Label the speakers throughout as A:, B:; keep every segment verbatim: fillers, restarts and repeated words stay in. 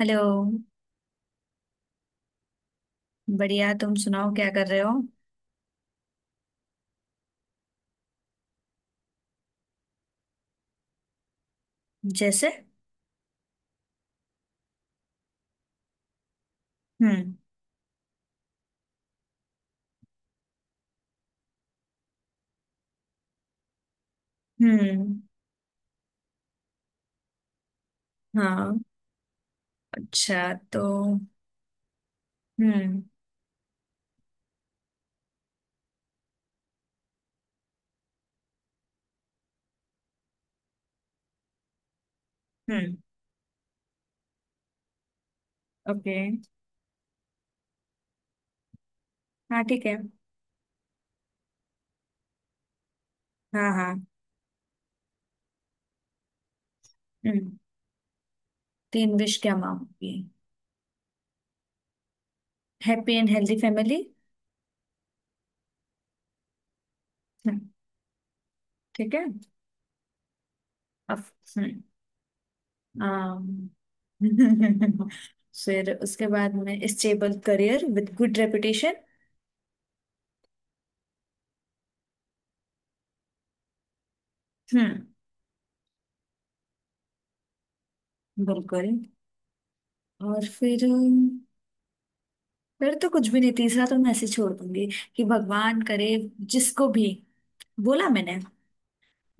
A: Hello. बढ़िया। तुम सुनाओ क्या कर रहे हो? जैसे? हम्म। हम्म। हाँ। अच्छा तो। हम्म। हम्म। ओके। हाँ, ठीक है। हाँ, हाँ। हम्म। तीन विश क्या मांगोगी? Happy and healthy family. हम्म। ठीक है। अब। हम्म। आम, फिर उसके बाद में stable career with good reputation. हम्म। बिल्कुल। और फिर। फिर तो कुछ भी नहीं, तीसरा तो मैं ऐसे ही छोड़ दूंगी कि भगवान करे जिसको भी। बोला मैंने।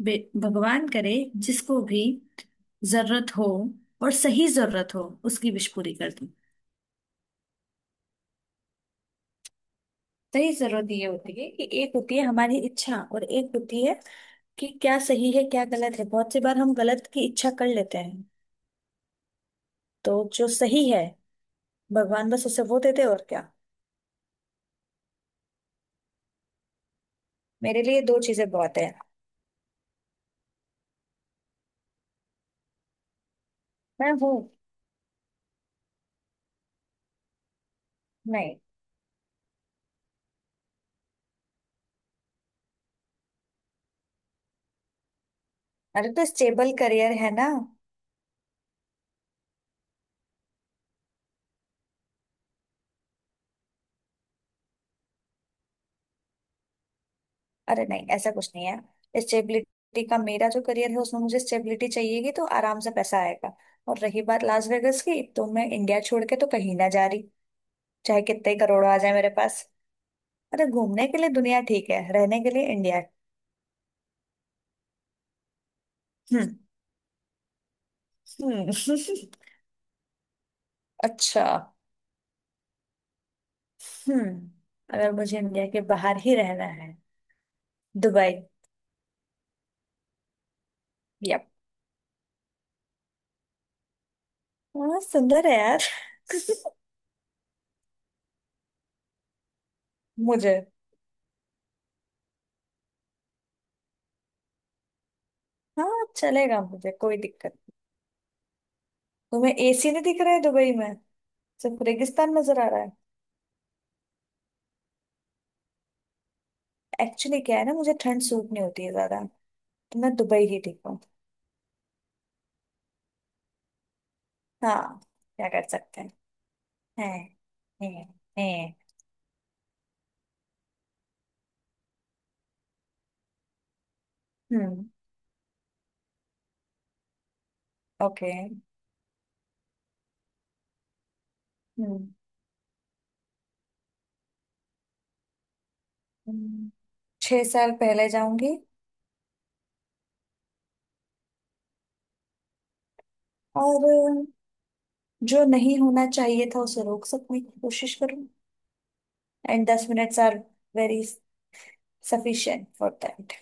A: बे- भगवान करे जिसको भी जरूरत हो और सही जरूरत हो उसकी विश पूरी कर दूं। सही जरूरत ये होती है कि एक होती है हमारी इच्छा और एक होती है कि क्या सही है क्या गलत है, बहुत सी बार हम गलत की इच्छा कर लेते हैं। तो जो सही है भगवान बस उसे वो देते, और क्या। मेरे लिए दो चीजें बहुत है। मैं हूँ। नहीं। अरे तो स्टेबल करियर है ना। अरे नहीं, ऐसा कुछ नहीं है स्टेबिलिटी का, मेरा जो करियर है उसमें मुझे स्टेबिलिटी चाहिएगी तो आराम से पैसा आएगा। और रही बात लास वेगस की, तो मैं इंडिया छोड़ के तो कहीं ना जा रही। चाहे कितने ही करोड़ आ जाए मेरे पास। अरे घूमने के लिए दुनिया ठीक है, रहने के लिए इंडिया है। हम्म। हम्म। अच्छा। हम्म। अगर मुझे इंडिया के बाहर ही रहना है। दुबई। यप। हाँ, सुंदर है यार। मुझे। हाँ, चलेगा मुझे, कोई दिक्कत। तुम्हें एसी नहीं दिख रहा है दुबई में? सिर्फ रेगिस्तान नजर आ रहा है? एक्चुअली क्या है ना, मुझे ठंड सूट नहीं होती है ज्यादा। तो मैं दुबई ही ठीक हूँ। हाँ। क्या कर सकते हैं। हैं। हैं। हैं। हम्म। ओके। हम्म। हम्म। छह साल पहले जाऊंगी। और जो नहीं होना चाहिए था उसे रोक सकने की कोशिश करूँ। एंड दस minutes are very sufficient for that.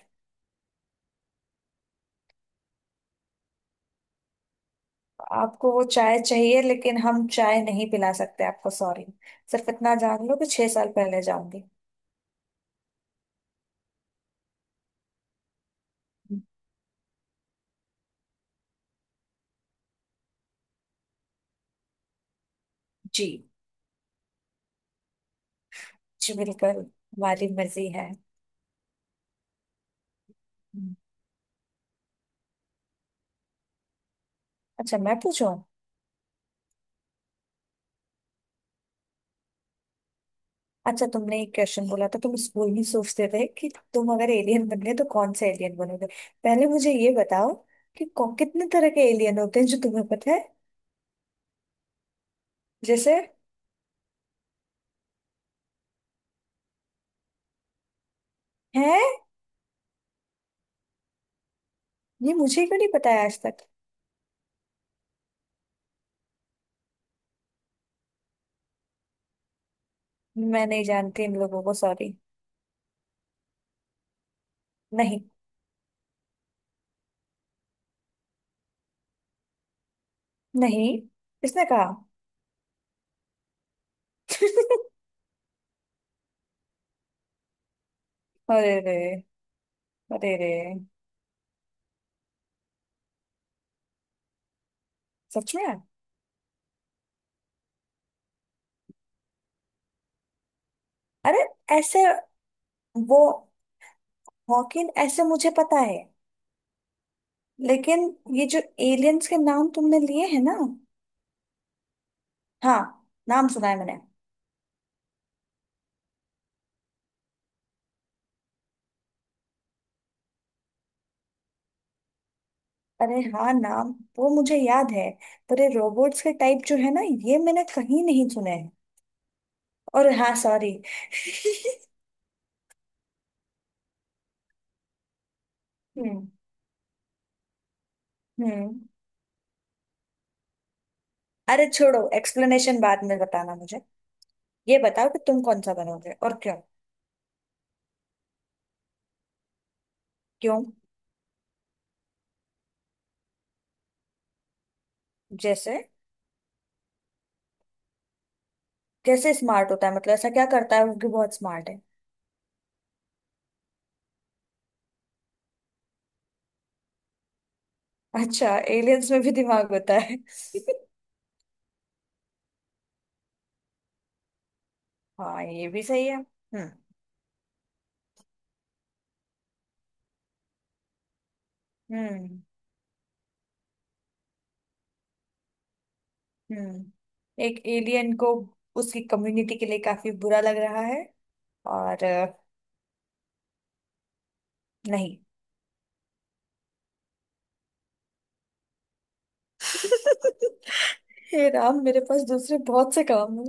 A: आपको वो चाय चाहिए लेकिन हम चाय नहीं पिला सकते आपको, सॉरी। सिर्फ इतना जान लो कि छह साल पहले जाऊंगी। जी। जी, बिल्कुल। हमारी मर्जी है। हम्म। अच्छा, मैं पूछूं? अच्छा, तुमने एक क्वेश्चन बोला था तुम स्कूल में सोचते थे कि तुम अगर एलियन बनने तो कौन से एलियन बनोगे। पहले मुझे ये बताओ कि कौ- कितने तरह के एलियन होते हैं जो तुम्हें पता है। जैसे? हैं? ये मुझे क्यों नहीं पता है आज तक। मैं नहीं जानती इन लोगों को, सॉरी। नहीं। नहीं, किसने कहा? अरे रे। अरे रे। सच में? अरे, ऐसे वो हॉकिन ऐसे मुझे पता है। लेकिन ये जो एलियंस के नाम तुमने लिए हैं ना। हाँ। नाम सुना है मैंने। अरे हाँ, नाम वो मुझे याद है। पर ये रोबोट्स के टाइप जो है ना, ये मैंने कहीं नहीं सुने हैं। और हाँ, सॉरी। हम्म। हम्म। अरे छोड़ो, एक्सप्लेनेशन बाद में बताना मुझे। ये बताओ कि तुम कौन सा बनोगे और क्यों। क्यों? जैसे? कैसे स्मार्ट होता है, मतलब ऐसा क्या करता है वो कि बहुत स्मार्ट है। अच्छा? एलियंस में भी दिमाग होता है? हाँ, ये भी सही है। हम्म। हम्म। हम्म। एक एलियन को उसकी कम्युनिटी के लिए काफी बुरा लग रहा है। और अ, नहीं। हे राम, मेरे पास दूसरे बहुत से काम है।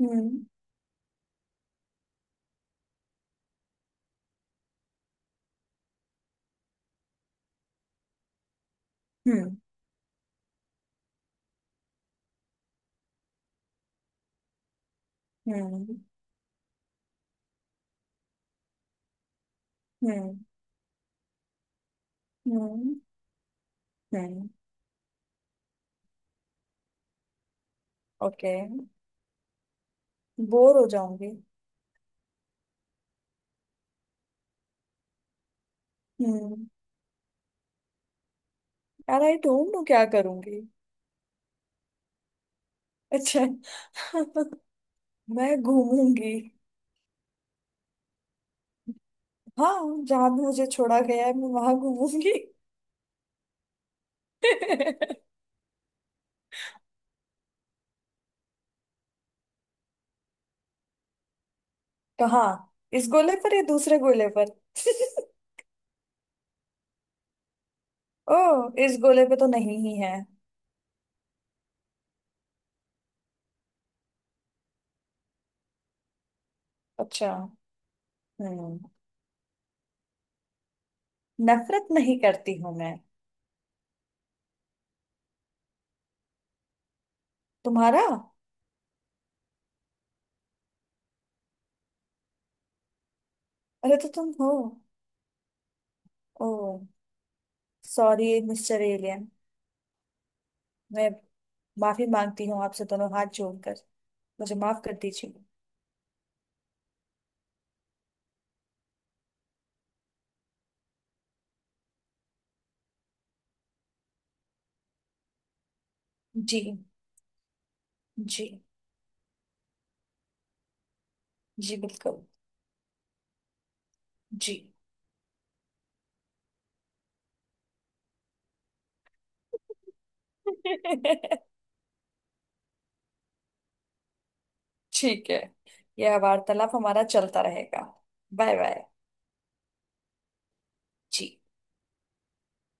A: हम्म। हम्म। हम्म। हम्म। हम्म। हम्म। ओके। बोर हो जाऊंगी। हम्म। यार, आई डोंट नो क्या करूंगी। अच्छा। मैं घूमूंगी। हाँ। जहां भी मुझे छोड़ा गया है मैं वहां घूमूंगी। कहाँ, इस गोले पर या दूसरे गोले पर? ओह, इस गोले पे तो नहीं ही है। अच्छा। हम्म। नफरत नहीं करती हूं मैं। तुम्हारा। अरे तो तुम हो? ओह। Sorry mister alien. मैं माफी मांगती हूँ आपसे दोनों हाथ जोड़कर। मुझे माफ कर दीजिए। जी। जी। जी, बिल्कुल। जी। ठीक है। यह वार्तालाप हमारा चलता रहेगा। Bye, bye. जी।